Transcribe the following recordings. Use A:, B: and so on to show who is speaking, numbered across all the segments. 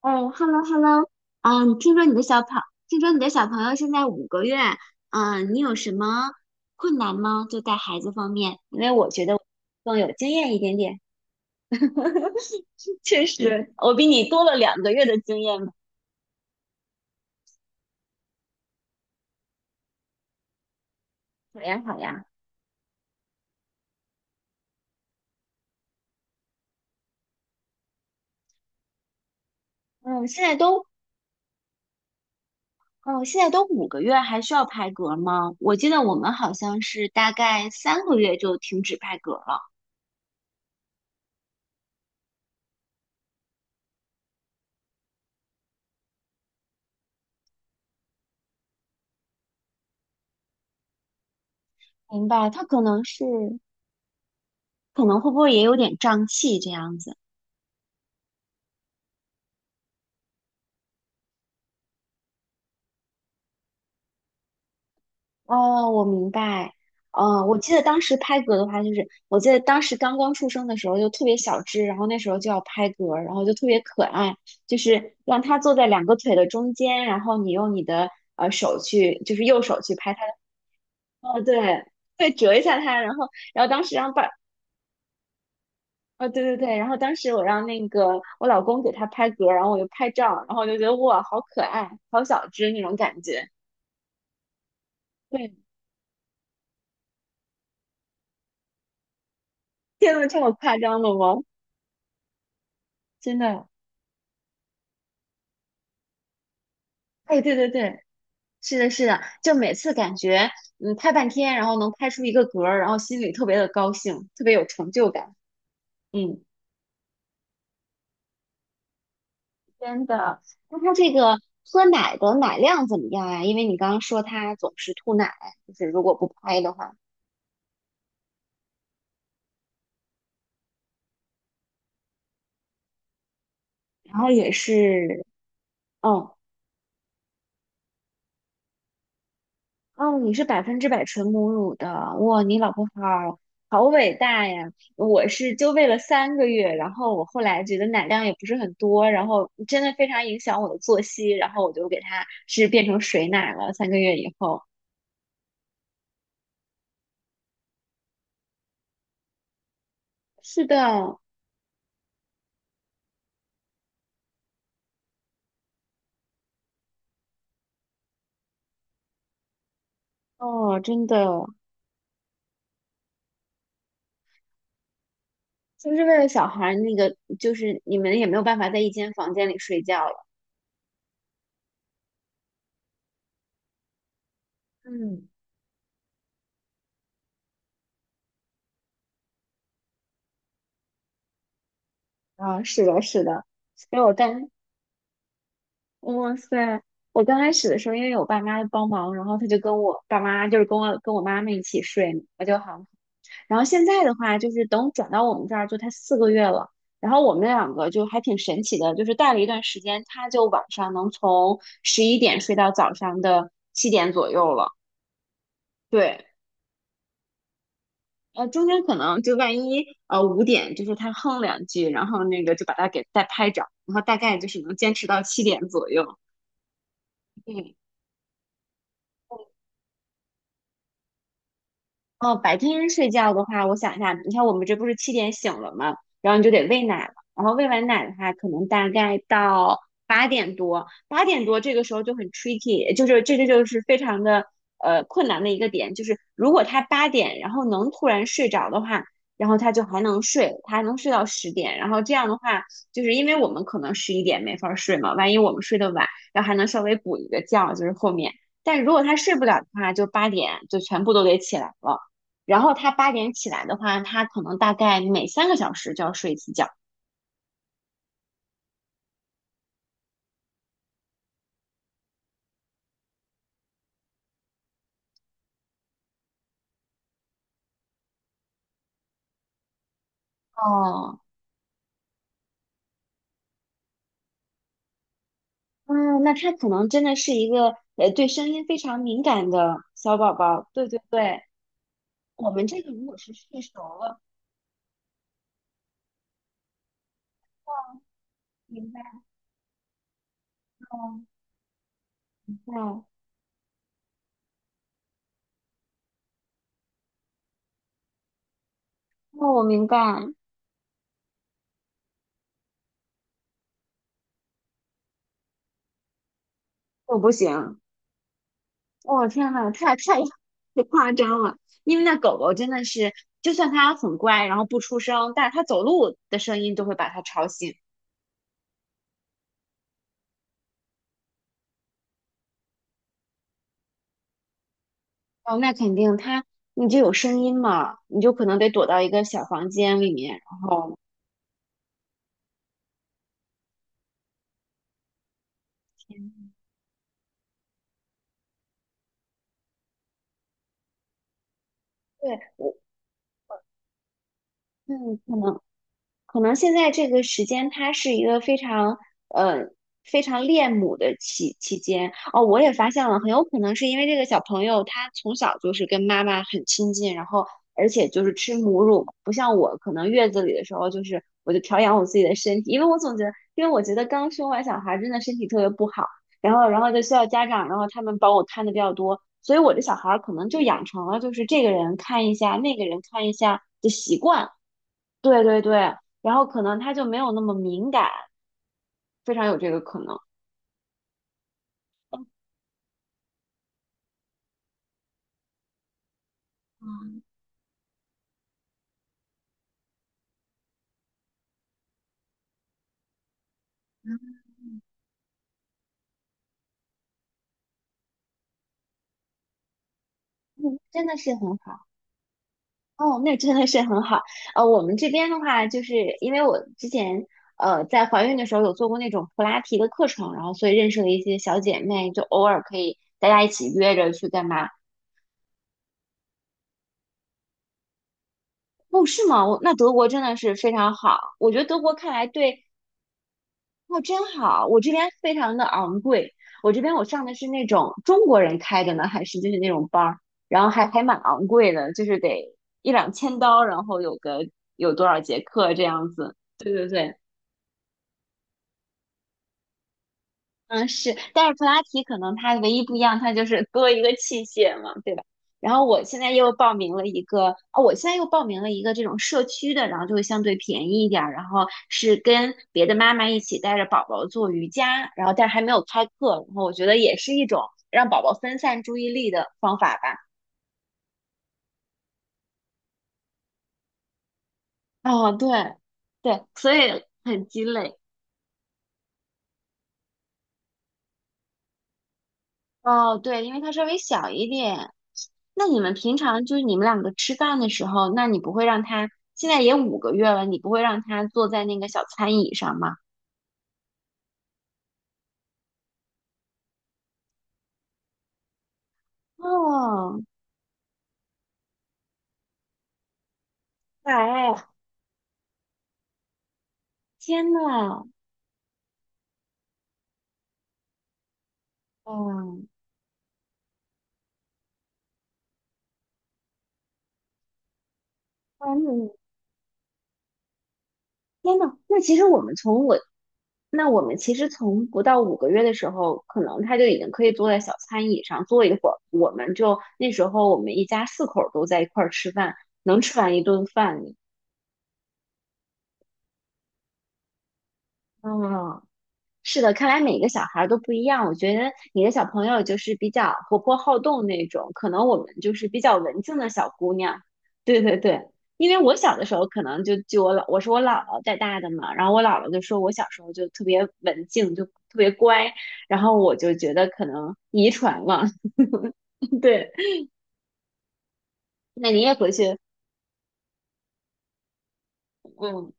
A: 哎 h e l l o hello，你听说你的小朋，听说你的小朋友现在五个月。你有什么困难吗？就带孩子方面，因为我觉得我更有经验一点点。确实，我比你多了2个月的经验嘛。好呀，好呀。嗯，现在都，嗯，现在都五个月，还需要拍嗝吗？我记得我们好像是大概三个月就停止拍嗝了。明白，他可能是，可能会不会也有点胀气这样子？哦，我明白。嗯，我记得当时拍嗝的话，就是我记得当时刚刚出生的时候就特别小只，然后那时候就要拍嗝，然后就特别可爱，就是让它坐在两个腿的中间，然后你用你的手去，就是右手去拍它的。哦，对。对，折一下它，然后当时让爸，哦，对对对，然后当时我让那个我老公给它拍嗝，然后我就拍照，然后我就觉得哇，好可爱，好小只那种感觉。对，天呐，这么夸张了吗？真的。哎，对对对，是的，是的，就每次感觉拍半天，然后能拍出一个格儿，然后心里特别的高兴，特别有成就感。嗯，真的。那他这个喝奶的奶量怎么样呀？因为你刚刚说他总是吐奶，就是如果不拍的话，然后也是。嗯。哦，你是100%纯母乳的，哇，你老婆好好伟大呀！我是就喂了三个月，然后我后来觉得奶量也不是很多，然后真的非常影响我的作息，然后我就给它是变成水奶了。三个月以后，是的。哦，真的。就是为了小孩儿那个，就是你们也没有办法在一间房间里睡觉了？嗯。啊，是的，是的。所以我当哇塞！我刚开始的时候，因为我爸妈帮忙，然后他就跟我爸妈，就是跟我妈妈一起睡，我就好。然后现在的话，就是等转到我们这儿，就他4个月了。然后我们两个就还挺神奇的，就是带了一段时间，他就晚上能从十一点睡到早上的七点左右了。对，中间可能就万一5点，就是他哼两句，然后那个就把他给再拍着，然后大概就是能坚持到七点左右。嗯。哦，白天睡觉的话，我想一下，你看我们这不是七点醒了吗？然后你就得喂奶了，然后喂完奶的话，可能大概到八点多。八点多这个时候就很 tricky，就是这就是非常的困难的一个点，就是如果他八点然后能突然睡着的话，然后他就还能睡，他还能睡到10点，然后这样的话，就是因为我们可能十一点没法儿睡嘛，万一我们睡得晚，然后还能稍微补一个觉，就是后面。但如果他睡不了的话，就八点就全部都得起来了。然后他八点起来的话，他可能大概每3个小时就要睡一次觉。哦。嗯，那他可能真的是一个对声音非常敏感的小宝宝。对对对，我们这个如果是睡熟了，明白。哦，哦，哦，我明白。我不行，天呐，太夸张了，因为那狗狗真的是，就算它很乖，然后不出声，但是它走路的声音都会把它吵醒。哦，那肯定他你就有声音嘛，你就可能得躲到一个小房间里面，然后对我，嗯，可能。可能现在这个时间，它是一个非常呃非常恋母的期间哦。我也发现了，很有可能是因为这个小朋友他从小就是跟妈妈很亲近，然后而且就是吃母乳，不像我可能月子里的时候就是我就调养我自己的身体，因为我总觉得，刚生完小孩真的身体特别不好，然后就需要家长，然后他们帮我看的比较多，所以我这小孩儿可能就养成了就是这个人看一下，那个人看一下的习惯。对对对，然后可能他就没有那么敏感，非常有这个可能。嗯，真的是很好。哦，那真的是很好。呃，我们这边的话，就是因为我之前在怀孕的时候有做过那种普拉提的课程，然后所以认识了一些小姐妹，就偶尔可以大家一起约着去干嘛。哦，是吗？德国真的是非常好。我觉得德国看来对。哦，真好！我这边非常的昂贵，我这边我上的是那种中国人开的呢，还是就是那种班儿，然后还蛮昂贵的，就是得一两千刀，然后有有多少节课这样子。对对对。嗯，是，但是普拉提可能它唯一不一样，它就是多一个器械嘛，对吧？然后我现在又报名了一个，哦，我现在又报名了一个这种社区的，然后就会相对便宜一点儿，然后是跟别的妈妈一起带着宝宝做瑜伽，然后但是还没有开课，然后我觉得也是一种让宝宝分散注意力的方法吧。哦，对。对，所以很鸡肋。哦，对，因为它稍微小一点。那你们平常就是你们两个吃饭的时候，那你不会让他，现在也五个月了，你不会让他坐在那个小餐椅上吗？哦。哎，天呐。嗯。嗯，天呐，那我们其实从不到五个月的时候，可能他就已经可以坐在小餐椅上坐一会儿。我们就那时候我们一家四口都在一块儿吃饭，能吃完一顿饭。嗯，是的，看来每个小孩儿都不一样。我觉得你的小朋友就是比较活泼好动那种，可能我们就是比较文静的小姑娘。对对对，因为我小的时候可能就我是我姥姥带大的嘛，然后我姥姥就说我小时候就特别文静，就特别乖，然后我就觉得可能遗传了。对。那你也回去。嗯。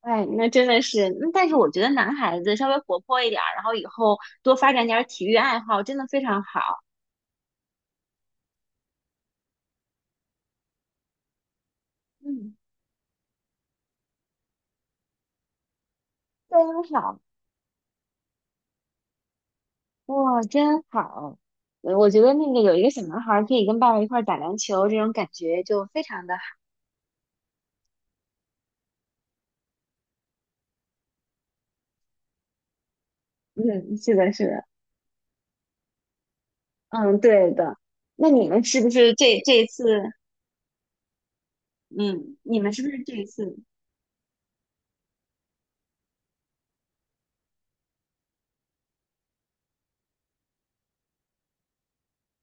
A: 哎，那真的是，但是我觉得男孩子稍微活泼一点儿，然后以后多发展点儿体育爱好，真的非常好。嗯，非常好。哇，真好！我觉得那个有一个小男孩儿可以跟爸爸一块儿打篮球，这种感觉就非常的好。嗯，是的，是的。嗯，对的。那你们是不是这这一次？嗯，你们是不是这一次？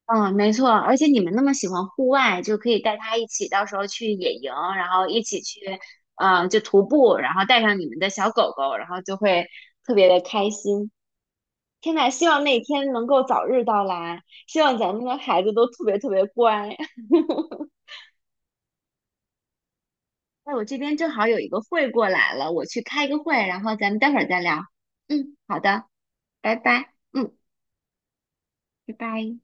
A: 嗯，没错。而且你们那么喜欢户外，就可以带他一起，到时候去野营，然后一起去，就徒步，然后带上你们的小狗狗，然后就会特别的开心。天呐，希望那天能够早日到来，希望咱们的孩子都特别特别乖。哎，我这边正好有一个会过来了，我去开个会，然后咱们待会儿再聊。嗯，好的，拜拜。嗯，拜拜。